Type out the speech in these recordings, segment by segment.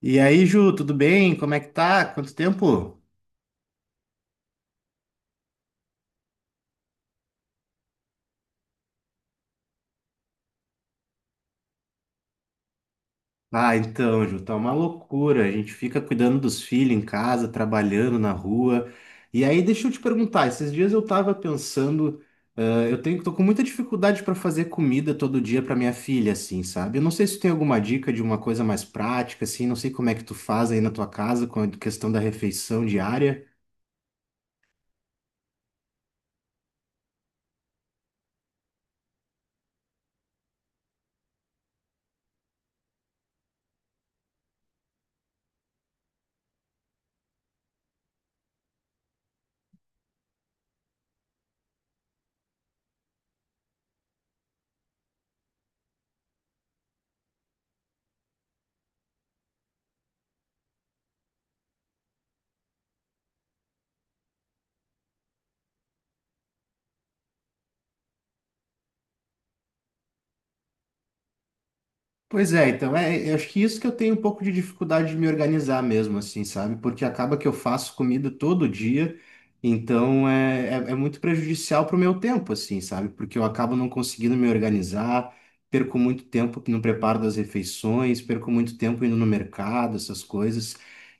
E aí, Ju, tudo bem? Como é que tá? Quanto tempo? Ah, então, Ju, tá uma loucura. A gente fica cuidando dos filhos em casa, trabalhando na rua. E aí, deixa eu te perguntar, esses dias eu tava pensando, ah, tô com muita dificuldade para fazer comida todo dia para minha filha, assim, sabe? Eu não sei se tu tem alguma dica de uma coisa mais prática, assim, não sei como é que tu faz aí na tua casa com a questão da refeição diária. Pois é, então, é, eu acho que isso que eu tenho um pouco de dificuldade de me organizar mesmo, assim, sabe? Porque acaba que eu faço comida todo dia, então é muito prejudicial pro meu tempo, assim, sabe? Porque eu acabo não conseguindo me organizar, perco muito tempo no preparo das refeições, perco muito tempo indo no mercado, essas coisas.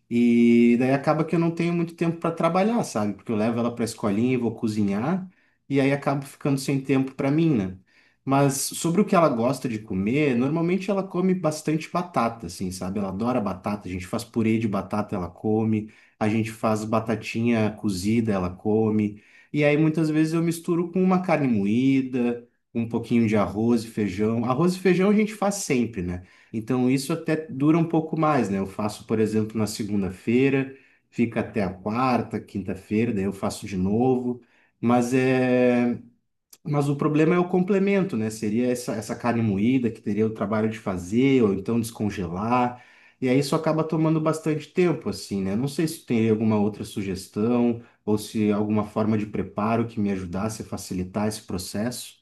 E daí acaba que eu não tenho muito tempo para trabalhar, sabe? Porque eu levo ela para a escolinha e vou cozinhar, e aí acabo ficando sem tempo para mim, né? Mas sobre o que ela gosta de comer, normalmente ela come bastante batata, assim, sabe? Ela adora batata. A gente faz purê de batata, ela come. A gente faz batatinha cozida, ela come. E aí muitas vezes eu misturo com uma carne moída, um pouquinho de arroz e feijão. Arroz e feijão a gente faz sempre, né? Então isso até dura um pouco mais, né? Eu faço, por exemplo, na segunda-feira, fica até a quarta, quinta-feira, daí eu faço de novo. Mas é. Mas o problema é o complemento, né? Seria essa carne moída que teria o trabalho de fazer, ou então descongelar. E aí isso acaba tomando bastante tempo, assim, né? Não sei se tu teria alguma outra sugestão, ou se alguma forma de preparo que me ajudasse a facilitar esse processo.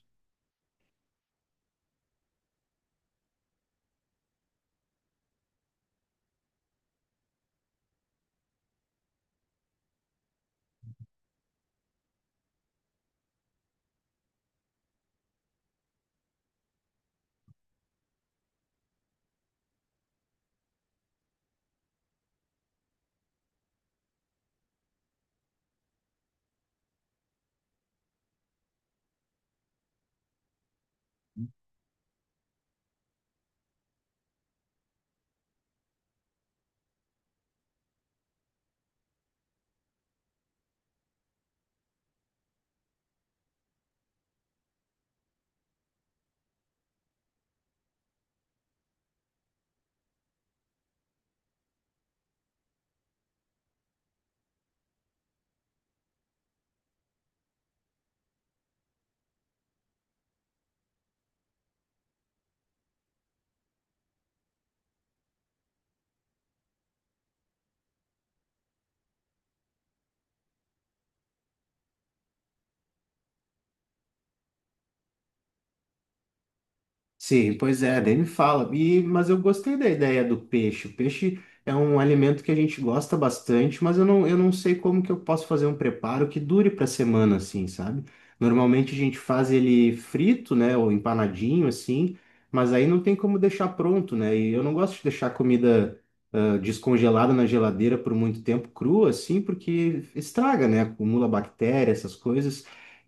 Sim, pois é, daí me fala. E, mas eu gostei da ideia do peixe. O peixe é um alimento que a gente gosta bastante, mas eu não sei como que eu posso fazer um preparo que dure para semana, assim, sabe? Normalmente a gente faz ele frito, né, ou empanadinho, assim, mas aí não tem como deixar pronto, né? E eu não gosto de deixar comida descongelada na geladeira por muito tempo crua, assim, porque estraga, né? Acumula bactéria, essas coisas.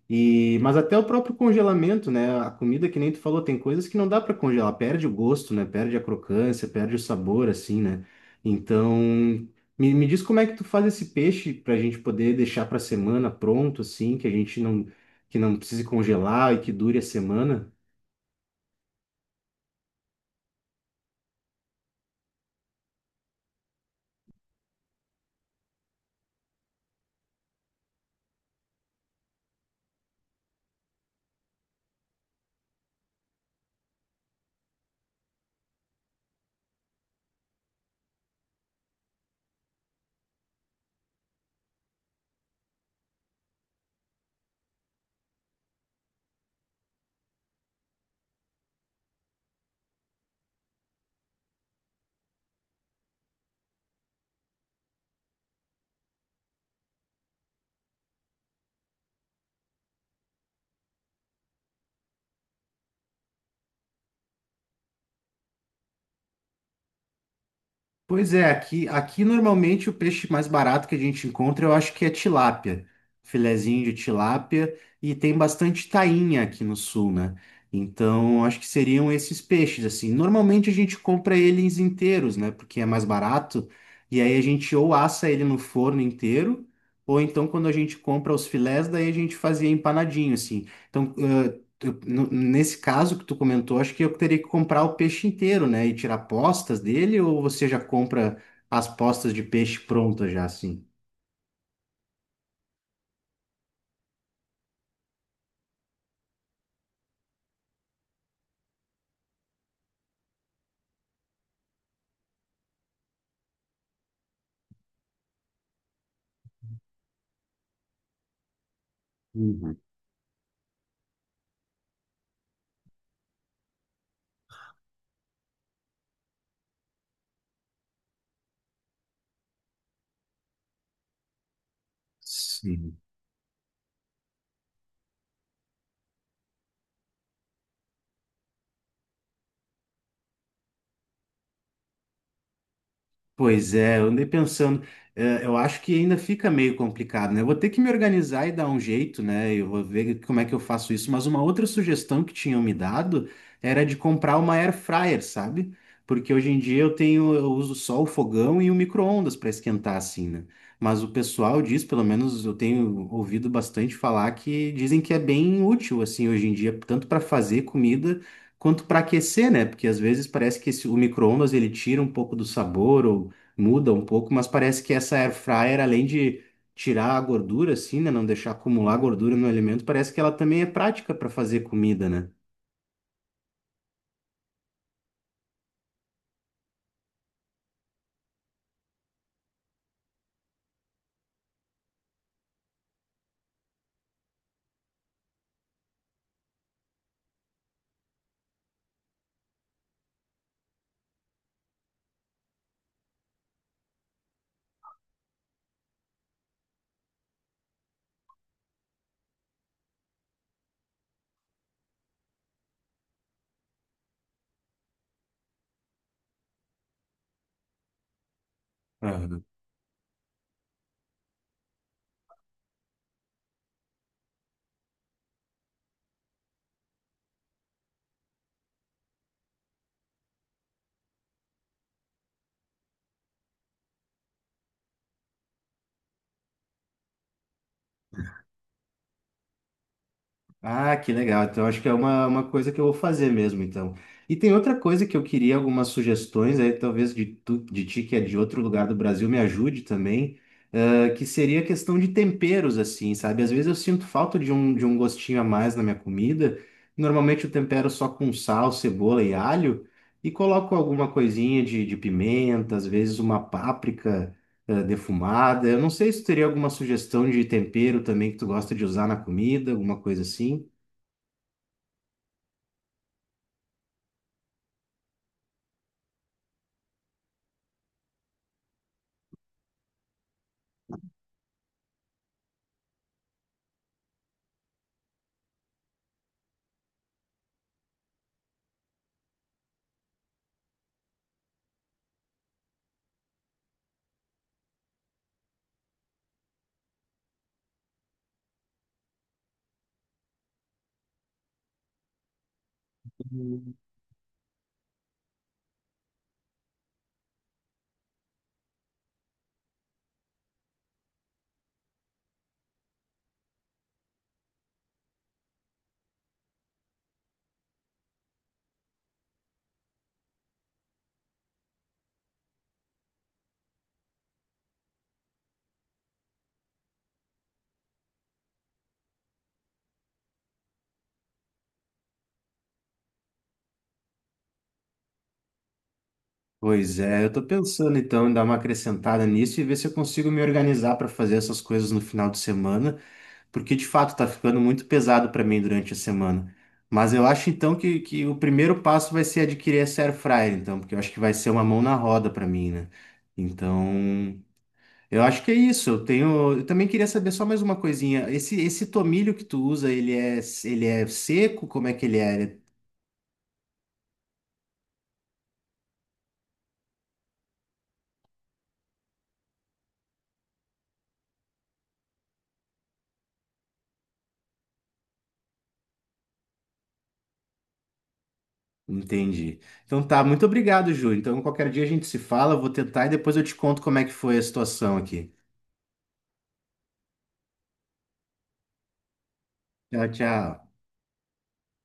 E, mas até o próprio congelamento, né? A comida, que nem tu falou, tem coisas que não dá para congelar, perde o gosto, né? Perde a crocância, perde o sabor, assim, né? Então, me diz como é que tu faz esse peixe para a gente poder deixar para semana pronto, assim, que a gente não, que não precise congelar e que dure a semana. Pois é, aqui normalmente o peixe mais barato que a gente encontra, eu acho que é tilápia, filezinho de tilápia, e tem bastante tainha aqui no sul, né? Então, acho que seriam esses peixes, assim. Normalmente a gente compra eles inteiros, né? Porque é mais barato, e aí a gente ou assa ele no forno inteiro, ou então quando a gente compra os filés, daí a gente fazia empanadinho, assim. Então, nesse caso que tu comentou, acho que eu teria que comprar o peixe inteiro, né? E tirar postas dele, ou você já compra as postas de peixe prontas já assim? Uhum. Sim. Pois é, eu andei pensando, eu acho que ainda fica meio complicado, né? Eu vou ter que me organizar e dar um jeito, né? Eu vou ver como é que eu faço isso. Mas uma outra sugestão que tinham me dado era de comprar uma air fryer, sabe? Porque hoje em dia eu tenho, eu uso só o fogão e o micro-ondas para esquentar assim, né? Mas o pessoal diz, pelo menos eu tenho ouvido bastante falar que dizem que é bem útil assim hoje em dia, tanto para fazer comida quanto para aquecer, né? Porque às vezes parece que o micro-ondas ele tira um pouco do sabor ou muda um pouco, mas parece que essa air fryer, além de tirar a gordura, assim, né? Não deixar acumular gordura no alimento, parece que ela também é prática para fazer comida, né? Ah, que legal. Então, acho que é uma coisa que eu vou fazer mesmo, então. E tem outra coisa que eu queria algumas sugestões aí, talvez tu, de ti, que é de outro lugar do Brasil, me ajude também, ah, que seria a questão de temperos, assim, sabe? Às vezes eu sinto falta de um gostinho a mais na minha comida. Normalmente eu tempero só com sal, cebola e alho, e coloco alguma coisinha de pimenta, às vezes uma páprica, defumada. Eu não sei se tu teria alguma sugestão de tempero também que tu gosta de usar na comida, alguma coisa assim. Pois é, eu tô pensando então em dar uma acrescentada nisso e ver se eu consigo me organizar para fazer essas coisas no final de semana, porque de fato tá ficando muito pesado para mim durante a semana. Mas eu acho então que o primeiro passo vai ser adquirir essa air fryer, então, porque eu acho que vai ser uma mão na roda para mim, né? Então, eu acho que é isso. Eu tenho, eu também queria saber só mais uma coisinha. Esse tomilho que tu usa, ele é seco? Como é que ele é? Entendi. Então tá, muito obrigado, Júlio. Então qualquer dia a gente se fala, eu vou tentar e depois eu te conto como é que foi a situação aqui. Tchau, tchau.